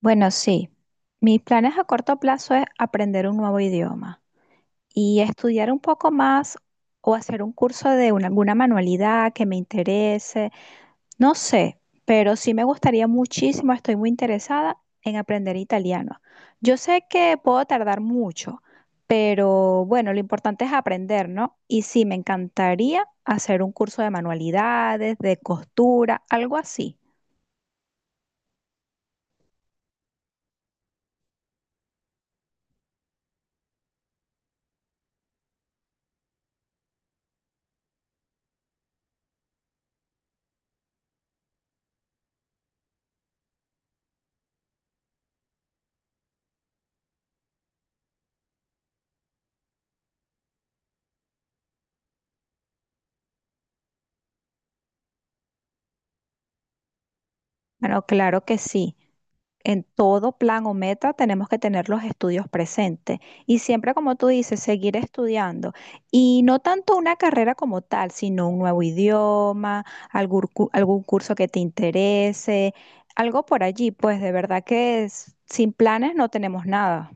Bueno, sí. Mis planes a corto plazo es aprender un nuevo idioma y estudiar un poco más o hacer un curso de alguna manualidad que me interese. No sé, pero sí me gustaría muchísimo, estoy muy interesada en aprender italiano. Yo sé que puedo tardar mucho, pero bueno, lo importante es aprender, ¿no? Y sí, me encantaría hacer un curso de manualidades, de costura, algo así. Bueno, claro que sí. En todo plan o meta tenemos que tener los estudios presentes y siempre, como tú dices, seguir estudiando. Y no tanto una carrera como tal, sino un nuevo idioma, algún curso que te interese, algo por allí. Pues de verdad que sin planes no tenemos nada.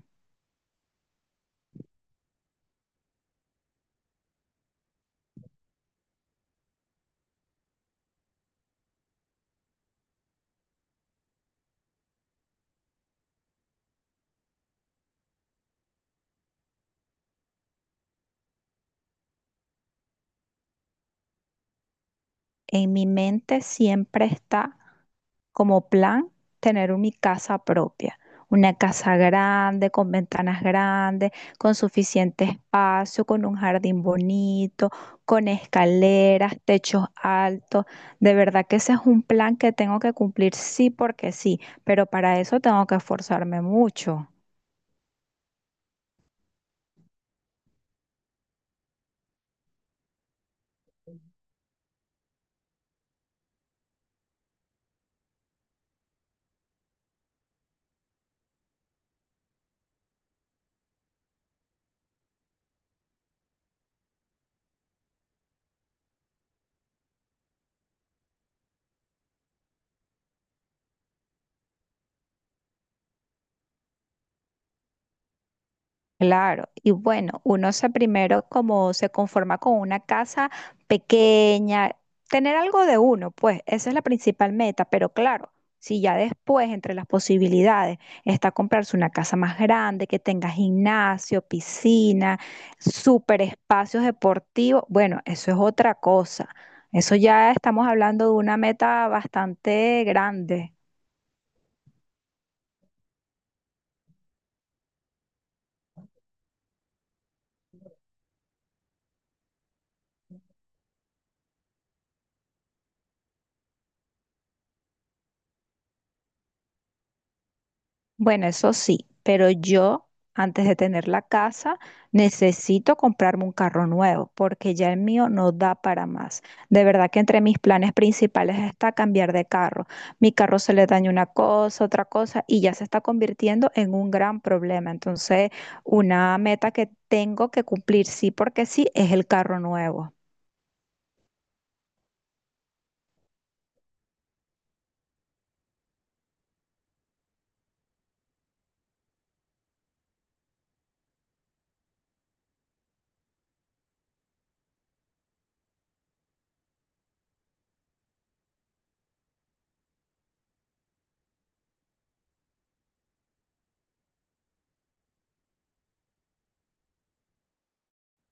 En mi mente siempre está como plan tener mi casa propia, una casa grande, con ventanas grandes, con suficiente espacio, con un jardín bonito, con escaleras, techos altos. De verdad que ese es un plan que tengo que cumplir sí porque sí, pero para eso tengo que esforzarme mucho. Claro, y bueno, uno se primero como se conforma con una casa pequeña, tener algo de uno, pues esa es la principal meta, pero claro, si ya después entre las posibilidades está comprarse una casa más grande, que tenga gimnasio, piscina, super espacios deportivos, bueno, eso es otra cosa. Eso ya estamos hablando de una meta bastante grande. Bueno, eso sí, pero yo antes de tener la casa necesito comprarme un carro nuevo porque ya el mío no da para más. De verdad que entre mis planes principales está cambiar de carro. Mi carro se le daña una cosa, otra cosa y ya se está convirtiendo en un gran problema. Entonces, una meta que tengo que cumplir sí porque sí es el carro nuevo.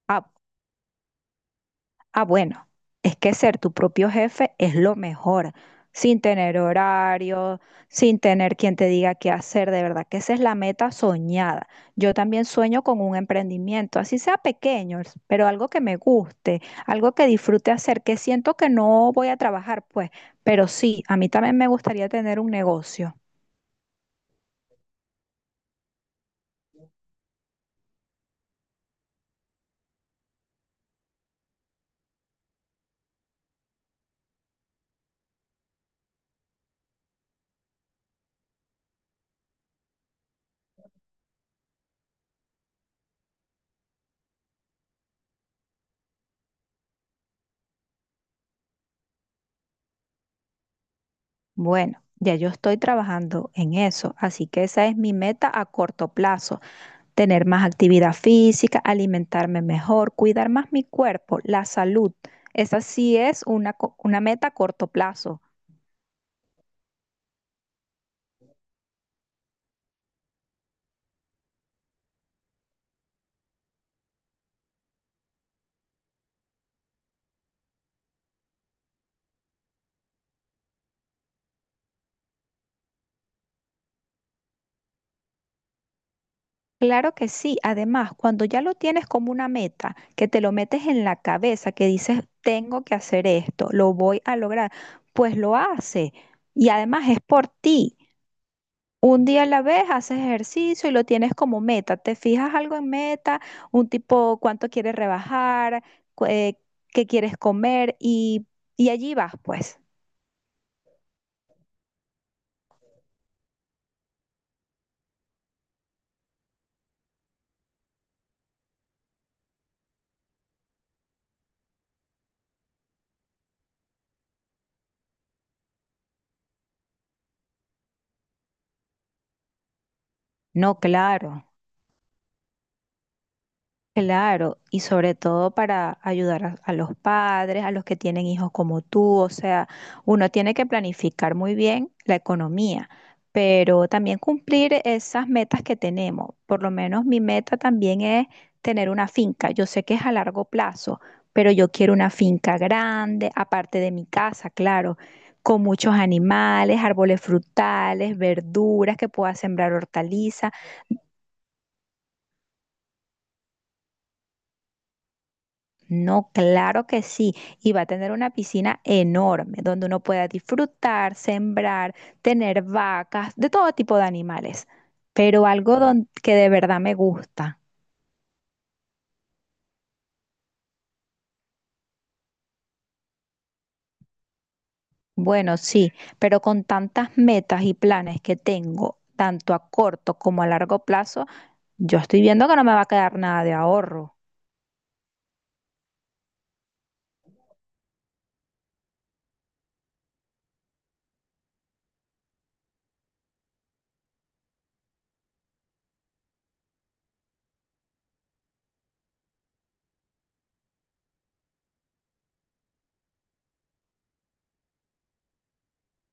Ah, Ah, bueno, es que ser tu propio jefe es lo mejor, sin tener horario, sin tener quien te diga qué hacer, de verdad que esa es la meta soñada. Yo también sueño con un emprendimiento, así sea pequeño, pero algo que me guste, algo que disfrute hacer, que siento que no voy a trabajar, pues, pero sí, a mí también me gustaría tener un negocio. Bueno, ya yo estoy trabajando en eso, así que esa es mi meta a corto plazo. Tener más actividad física, alimentarme mejor, cuidar más mi cuerpo, la salud. Esa sí es una meta a corto plazo. Claro que sí. Además, cuando ya lo tienes como una meta, que te lo metes en la cabeza, que dices, tengo que hacer esto, lo voy a lograr, pues lo hace. Y además es por ti. Un día a la vez haces ejercicio y lo tienes como meta. Te fijas algo en meta, un tipo cuánto quieres rebajar, cu- eh, qué quieres comer y allí vas, pues. No, claro. Claro, y sobre todo para ayudar a los padres, a los que tienen hijos como tú, o sea, uno tiene que planificar muy bien la economía, pero también cumplir esas metas que tenemos. Por lo menos mi meta también es tener una finca. Yo sé que es a largo plazo, pero yo quiero una finca grande, aparte de mi casa, claro, con muchos animales, árboles frutales, verduras que pueda sembrar hortalizas. No, claro que sí. Y va a tener una piscina enorme donde uno pueda disfrutar, sembrar, tener vacas, de todo tipo de animales. Pero algo que de verdad me gusta. Bueno, sí, pero con tantas metas y planes que tengo, tanto a corto como a largo plazo, yo estoy viendo que no me va a quedar nada de ahorro.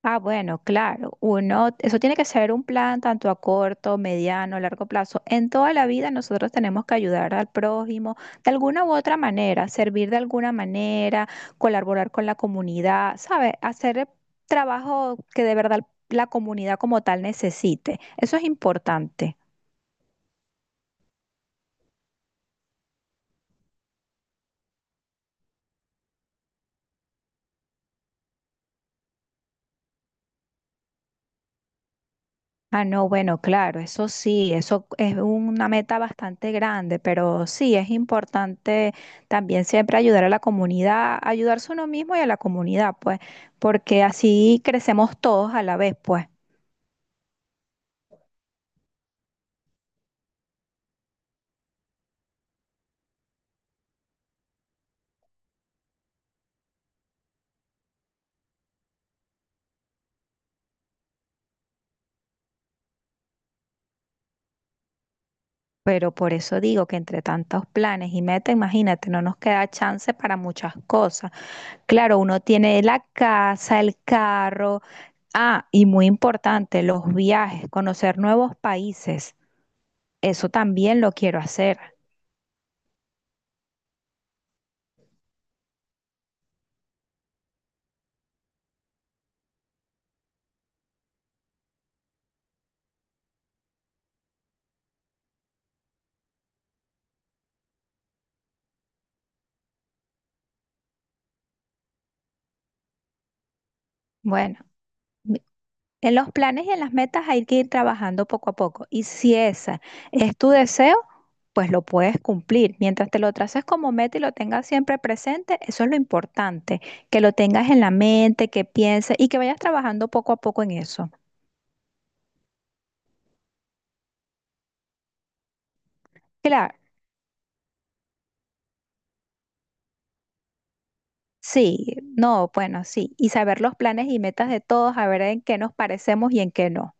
Ah, bueno, claro. Uno, eso tiene que ser un plan tanto a corto, mediano, largo plazo. En toda la vida nosotros tenemos que ayudar al prójimo de alguna u otra manera, servir de alguna manera, colaborar con la comunidad, ¿sabes? Hacer el trabajo que de verdad la comunidad como tal necesite. Eso es importante. Ah, no, bueno, claro, eso sí, eso es una meta bastante grande, pero sí, es importante también siempre ayudar a la comunidad, ayudarse a uno mismo y a la comunidad, pues, porque así crecemos todos a la vez, pues. Pero por eso digo que entre tantos planes y metas, imagínate, no nos queda chance para muchas cosas. Claro, uno tiene la casa, el carro, ah, y muy importante, los viajes, conocer nuevos países, eso también lo quiero hacer. Bueno. En los planes y en las metas hay que ir trabajando poco a poco. Y si esa es tu deseo, pues lo puedes cumplir. Mientras te lo traces como meta y lo tengas siempre presente, eso es lo importante, que lo tengas en la mente, que pienses y que vayas trabajando poco a poco en eso. Claro, sí, no, bueno, sí. Y saber los planes y metas de todos, a ver en qué nos parecemos y en qué no.